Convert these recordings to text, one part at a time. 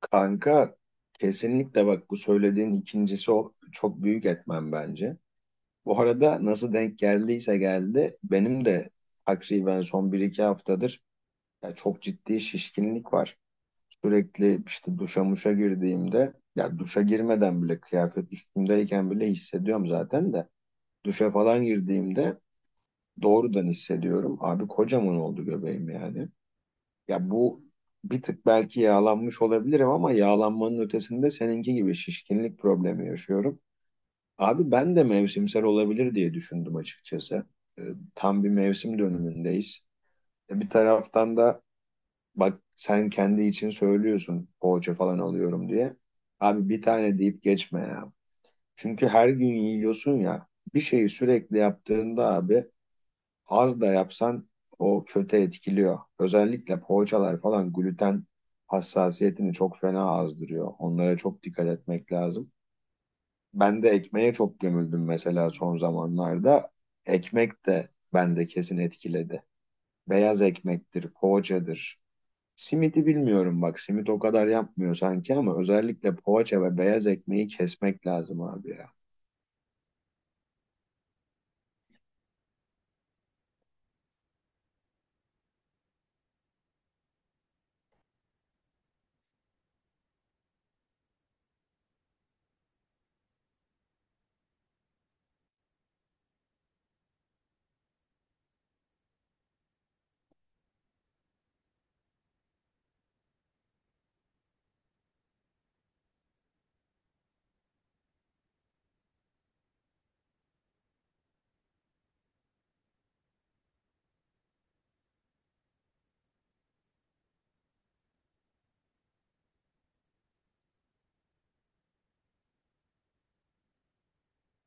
Kanka kesinlikle bak bu söylediğin ikincisi o çok büyük etmen bence. Bu arada nasıl denk geldiyse geldi benim de takriben son bir iki haftadır ya çok ciddi şişkinlik var. Sürekli işte duşa muşa girdiğimde ya duşa girmeden bile kıyafet üstümdeyken bile hissediyorum zaten de duşa falan girdiğimde doğrudan hissediyorum. Abi kocaman oldu göbeğim yani. Ya bu bir tık belki yağlanmış olabilirim ama yağlanmanın ötesinde seninki gibi şişkinlik problemi yaşıyorum. Abi ben de mevsimsel olabilir diye düşündüm açıkçası. Ee, Tam bir mevsim dönümündeyiz. Bir taraftan da bak sen kendi için söylüyorsun poğaça falan alıyorum diye. Abi bir tane deyip geçme ya. Çünkü her gün yiyorsun ya. Bir şeyi sürekli yaptığında abi az da yapsan o kötü etkiliyor. Özellikle poğaçalar falan gluten hassasiyetini çok fena azdırıyor. Onlara çok dikkat etmek lazım. Ben de ekmeğe çok gömüldüm mesela son zamanlarda. Ekmek de bende kesin etkiledi. Beyaz ekmektir, poğaçadır. Simidi bilmiyorum bak simit o kadar yapmıyor sanki ama özellikle poğaça ve beyaz ekmeği kesmek lazım abi ya.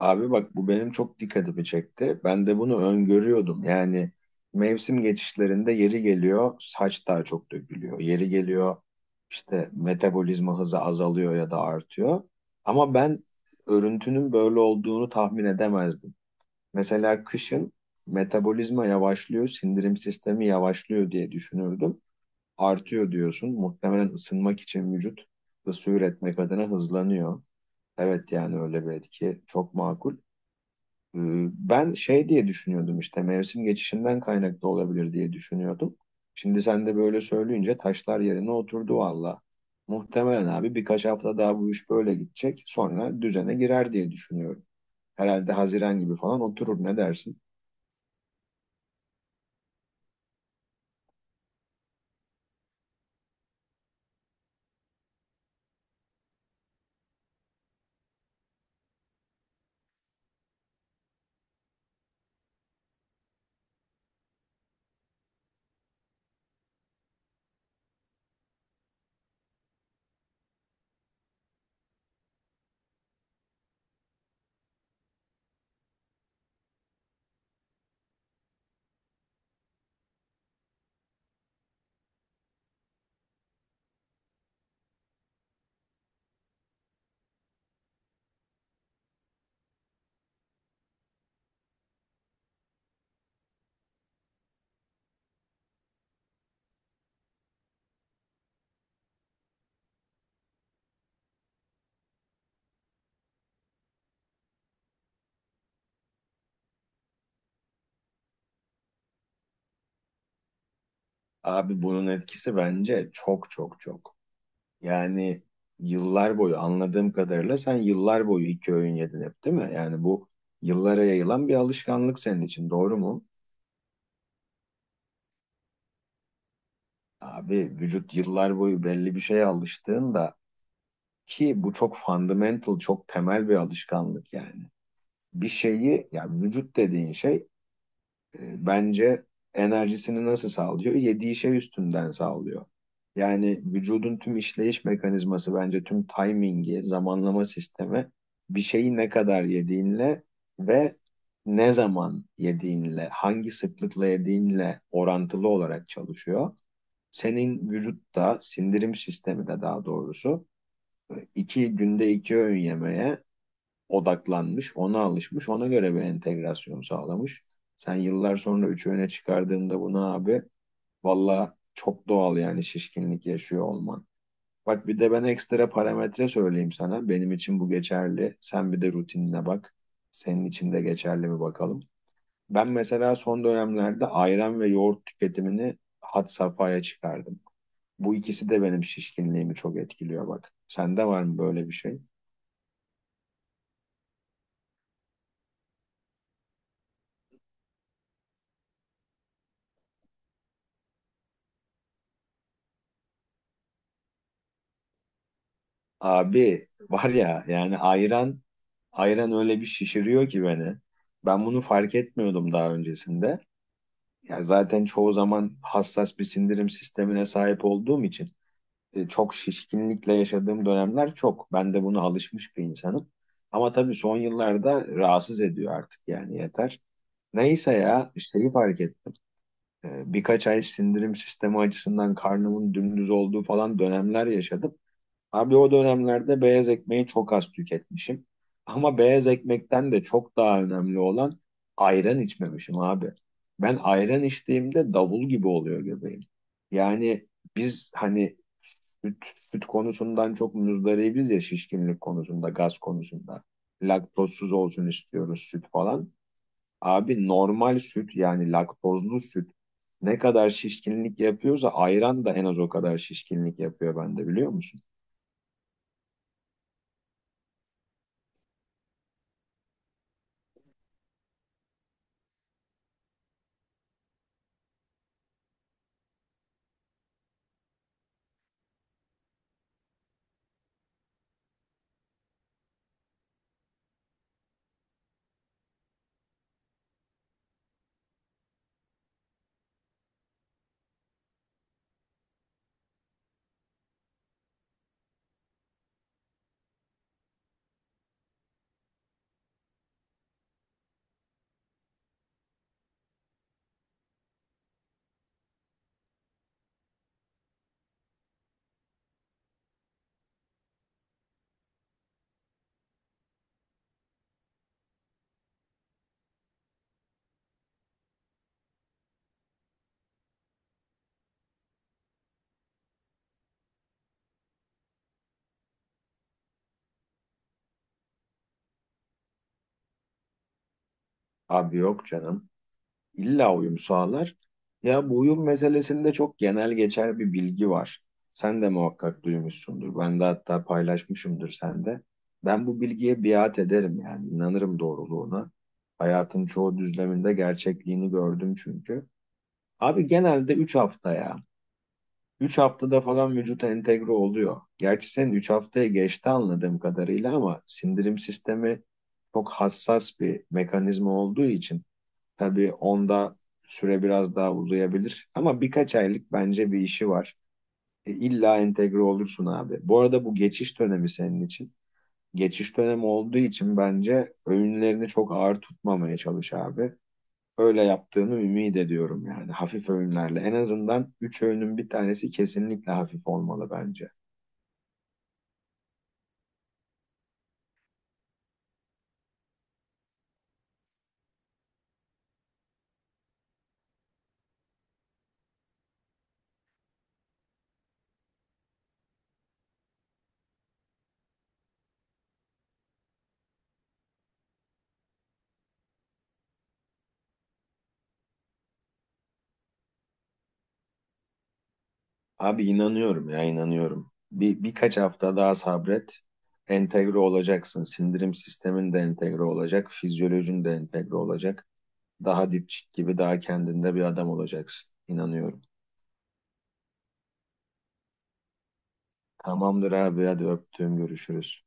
Abi bak bu benim çok dikkatimi çekti. Ben de bunu öngörüyordum. Yani mevsim geçişlerinde yeri geliyor saç daha çok dökülüyor. Yeri geliyor işte metabolizma hızı azalıyor ya da artıyor. Ama ben örüntünün böyle olduğunu tahmin edemezdim. Mesela kışın metabolizma yavaşlıyor, sindirim sistemi yavaşlıyor diye düşünürdüm. Artıyor diyorsun. Muhtemelen ısınmak için vücut ısı üretmek adına hızlanıyor. Evet yani öyle bir etki çok makul. Ben şey diye düşünüyordum işte mevsim geçişinden kaynaklı olabilir diye düşünüyordum. Şimdi sen de böyle söyleyince taşlar yerine oturdu valla. Muhtemelen abi birkaç hafta daha bu iş böyle gidecek. Sonra düzene girer diye düşünüyorum. Herhalde Haziran gibi falan oturur, ne dersin? Abi bunun etkisi bence çok çok çok. Yani yıllar boyu anladığım kadarıyla sen yıllar boyu iki öğün yedin hep değil mi? Yani bu yıllara yayılan bir alışkanlık senin için doğru mu? Abi vücut yıllar boyu belli bir şeye alıştığında ki bu çok fundamental, çok temel bir alışkanlık yani. Bir şeyi ya vücut dediğin şey bence enerjisini nasıl sağlıyor? Yediği şey üstünden sağlıyor. Yani vücudun tüm işleyiş mekanizması bence tüm timingi, zamanlama sistemi bir şeyi ne kadar yediğinle ve ne zaman yediğinle, hangi sıklıkla yediğinle orantılı olarak çalışıyor. Senin vücutta sindirim sistemi de daha doğrusu iki günde iki öğün yemeye odaklanmış, ona alışmış, ona göre bir entegrasyon sağlamış. Sen yıllar sonra üç öğüne çıkardığında bunu abi valla çok doğal yani şişkinlik yaşıyor olman. Bak bir de ben ekstra parametre söyleyeyim sana. Benim için bu geçerli. Sen bir de rutinine bak. Senin için de geçerli mi bakalım. Ben mesela son dönemlerde ayran ve yoğurt tüketimini had safhaya çıkardım. Bu ikisi de benim şişkinliğimi çok etkiliyor bak. Sende var mı böyle bir şey? Abi var ya yani ayran ayran öyle bir şişiriyor ki beni. Ben bunu fark etmiyordum daha öncesinde. Ya zaten çoğu zaman hassas bir sindirim sistemine sahip olduğum için çok şişkinlikle yaşadığım dönemler çok. Ben de buna alışmış bir insanım. Ama tabii son yıllarda rahatsız ediyor artık yani yeter. Neyse ya şeyi fark ettim. Birkaç ay sindirim sistemi açısından karnımın dümdüz olduğu falan dönemler yaşadım. Abi o dönemlerde beyaz ekmeği çok az tüketmişim. Ama beyaz ekmekten de çok daha önemli olan ayran içmemişim abi. Ben ayran içtiğimde davul gibi oluyor göbeğim. Yani biz hani süt, süt konusundan çok muzdaribiz ya şişkinlik konusunda, gaz konusunda. Laktozsuz olsun istiyoruz süt falan. Abi normal süt yani laktozlu süt ne kadar şişkinlik yapıyorsa ayran da en az o kadar şişkinlik yapıyor bende, biliyor musun? Abi yok canım. İlla uyum sağlar. Ya bu uyum meselesinde çok genel geçer bir bilgi var. Sen de muhakkak duymuşsundur. Ben de hatta paylaşmışımdır, sen de. Ben bu bilgiye biat ederim yani inanırım doğruluğuna. Hayatın çoğu düzleminde gerçekliğini gördüm çünkü. Abi genelde 3 hafta ya. 3 haftada falan vücuta entegre oluyor. Gerçi senin 3 haftaya geçti anladığım kadarıyla ama sindirim sistemi çok hassas bir mekanizma olduğu için tabii onda süre biraz daha uzayabilir. Ama birkaç aylık bence bir işi var. İlla entegre olursun abi. Bu arada bu geçiş dönemi senin için. Geçiş dönemi olduğu için bence öğünlerini çok ağır tutmamaya çalış abi, öyle yaptığımı ümit ediyorum yani, hafif öğünlerle. En azından 3 öğünün bir tanesi kesinlikle hafif olmalı bence. Abi inanıyorum ya, inanıyorum. Birkaç hafta daha sabret. Entegre olacaksın. Sindirim sistemin de entegre olacak. Fizyolojin de entegre olacak. Daha dipçik gibi daha kendinde bir adam olacaksın. İnanıyorum. Tamamdır abi, hadi öptüğüm görüşürüz.